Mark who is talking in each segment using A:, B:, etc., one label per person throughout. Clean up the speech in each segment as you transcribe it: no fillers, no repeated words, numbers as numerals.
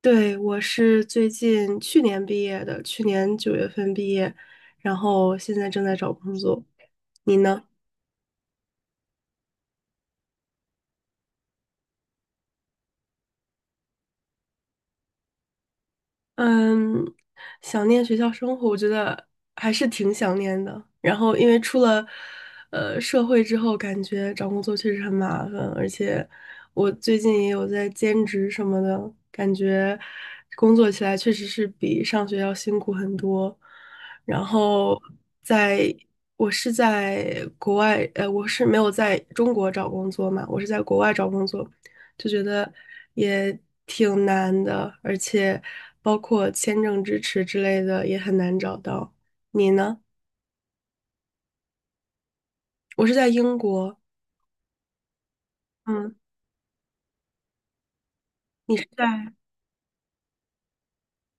A: 对，我是最近去年毕业的，去年9月份毕业，然后现在正在找工作。你呢？嗯，想念学校生活，我觉得还是挺想念的。然后，因为出了社会之后，感觉找工作确实很麻烦，而且我最近也有在兼职什么的，感觉工作起来确实是比上学要辛苦很多。然后在，我是在国外，我是没有在中国找工作嘛，我是在国外找工作，就觉得也挺难的，而且包括签证支持之类的也很难找到。你呢？我是在英国，嗯，你是在？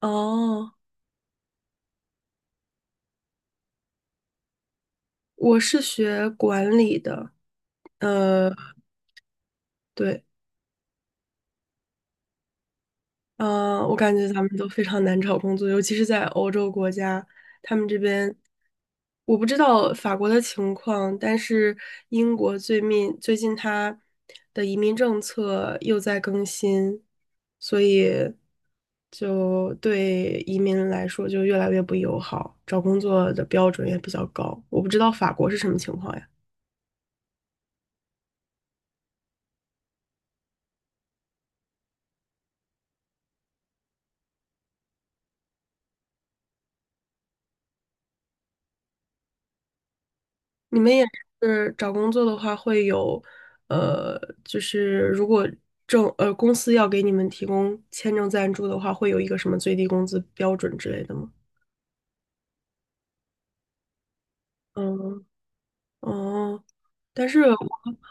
A: 哦，我是学管理的，呃，对，嗯，我感觉咱们都非常难找工作，尤其是在欧洲国家，他们这边我不知道法国的情况，但是英国最近它的移民政策又在更新，所以就对移民来说就越来越不友好，找工作的标准也比较高。我不知道法国是什么情况呀？你们也是找工作的话，会有，呃，就是如果公司要给你们提供签证赞助的话，会有一个什么最低工资标准之类的吗？嗯，哦，但是我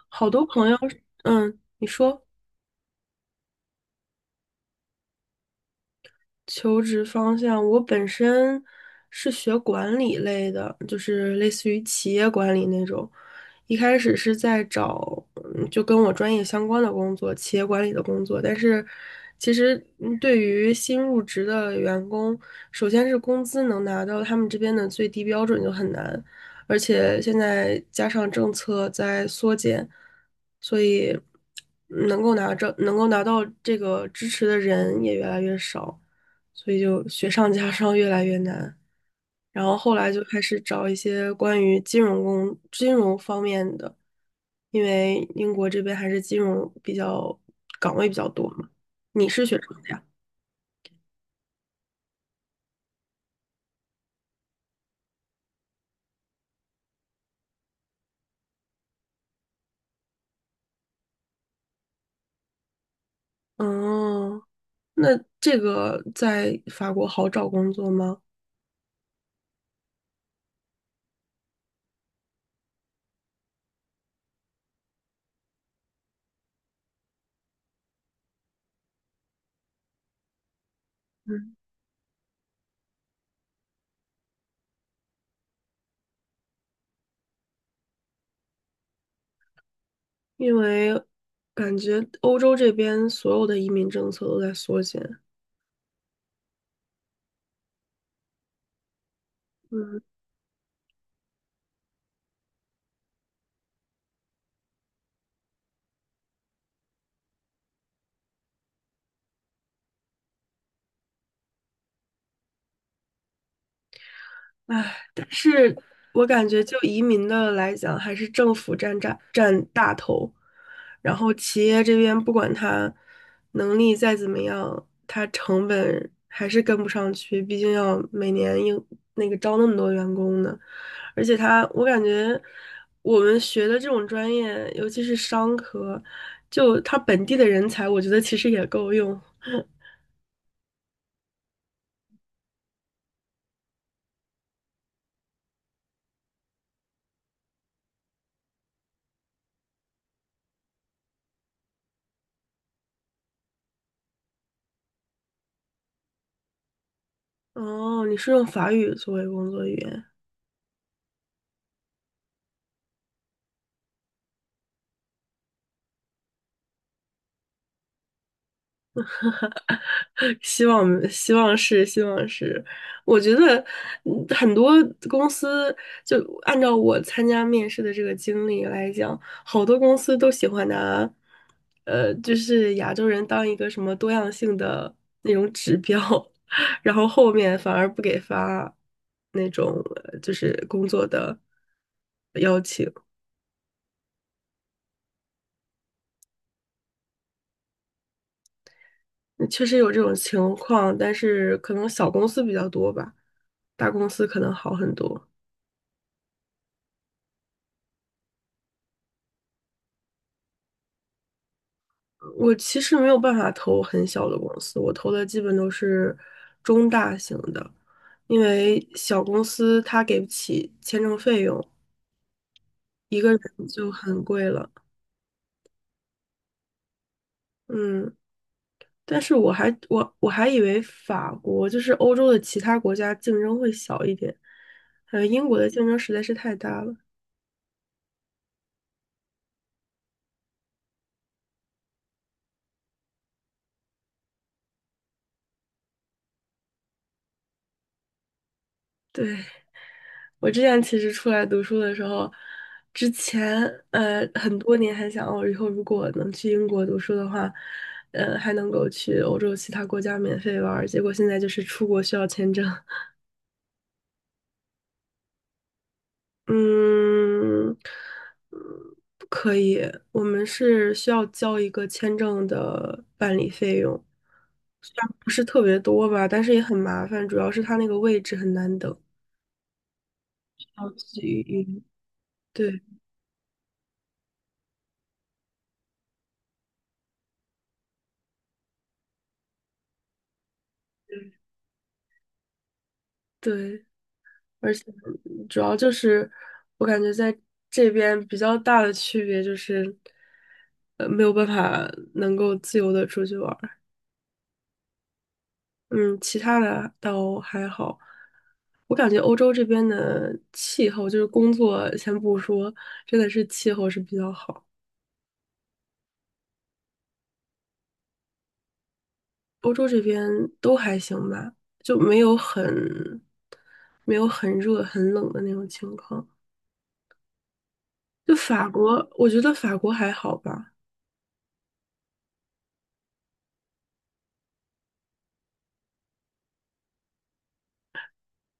A: 好多朋友，嗯，你说求职方向，我本身是学管理类的，就是类似于企业管理那种，一开始是在找就跟我专业相关的工作，企业管理的工作，但是其实对于新入职的员工，首先是工资能拿到他们这边的最低标准就很难，而且现在加上政策在缩减，所以能够拿到这个支持的人也越来越少。所以就雪上加霜，越来越难。然后后来就开始找一些关于金融方面的，因为英国这边还是金融岗位比较多嘛。你是学什么的呀？哦，那这个在法国好找工作吗？嗯，因为感觉欧洲这边所有的移民政策都在缩减。嗯，唉，但是我感觉就移民的来讲，还是政府占大头，然后企业这边不管它能力再怎么样，它成本还是跟不上去，毕竟要每年应那个招那么多员工呢。而且它，我感觉我们学的这种专业，尤其是商科，就它本地的人才，我觉得其实也够用。哦，你是用法语作为工作语言？希望是,我觉得很多公司就按照我参加面试的这个经历来讲，好多公司都喜欢拿，就是亚洲人当一个什么多样性的那种指标，然后后面反而不给发那种就是工作的邀请，嗯确实有这种情况，但是可能小公司比较多吧，大公司可能好很多。我其实没有办法投很小的公司，我投的基本都是中大型的，因为小公司它给不起签证费用，一个人就很贵了。嗯，但是我还以为法国就是欧洲的其他国家竞争会小一点，英国的竞争实在是太大了。对，我之前其实出来读书的时候，之前很多年还想，我以后如果能去英国读书的话，还能够去欧洲其他国家免费玩儿。结果现在就是出国需要签证，嗯，嗯不可以，我们是需要交一个签证的办理费用，虽然不是特别多吧，但是也很麻烦，主要是它那个位置很难等，要去对对。而且主要就是我感觉在这边比较大的区别就是，没有办法能够自由的出去玩儿。嗯，其他的倒还好。我感觉欧洲这边的气候，就是工作先不说，真的是气候是比较好。欧洲这边都还行吧，就没有很热很冷的那种情况。就法国，我觉得法国还好吧。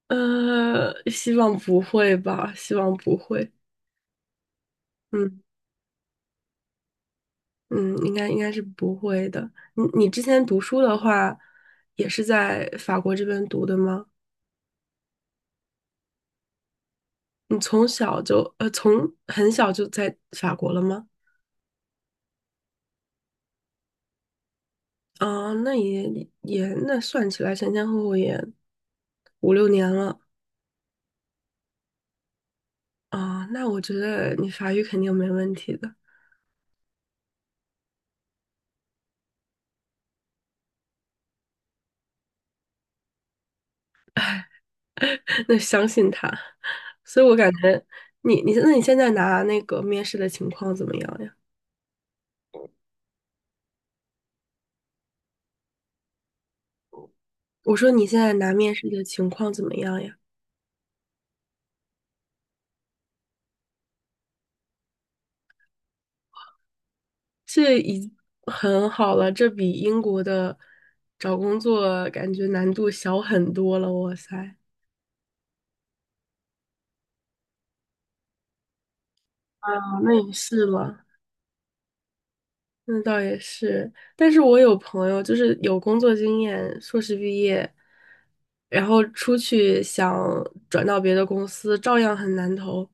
A: 希望不会吧，希望不会。嗯嗯，应该是不会的。你之前读书的话，也是在法国这边读的吗？你从小从很小就在法国了吗？啊，那也也那算起来前前后后也5、6年了啊。那我觉得你法语肯定没问题的，那相信他。所以我感觉你现在拿那个面试的情况怎么样呀？我说你现在拿面试的情况怎么样呀？这已很好了，这比英国的找工作感觉难度小很多了。哇塞，啊，那也是了，那倒也是。但是我有朋友就是有工作经验，硕士毕业，然后出去想转到别的公司，照样很难投。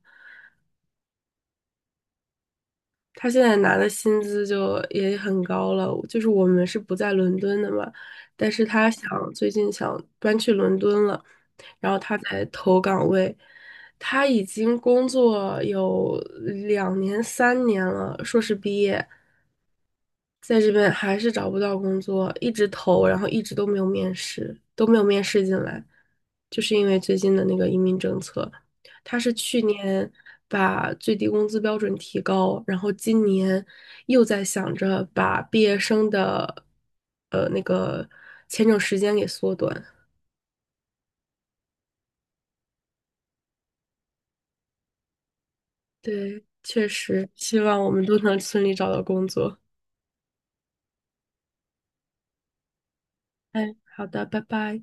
A: 他现在拿的薪资就也很高了，就是我们是不在伦敦的嘛，但是他最近想搬去伦敦了，然后他在投岗位，他已经工作有2、3年了，硕士毕业，在这边还是找不到工作，一直投，然后一直都没有面试，进来，就是因为最近的那个移民政策，他是去年把最低工资标准提高，然后今年又在想着把毕业生的那个签证时间给缩短。对，确实，希望我们都能顺利找到工作。哎，好的，拜拜。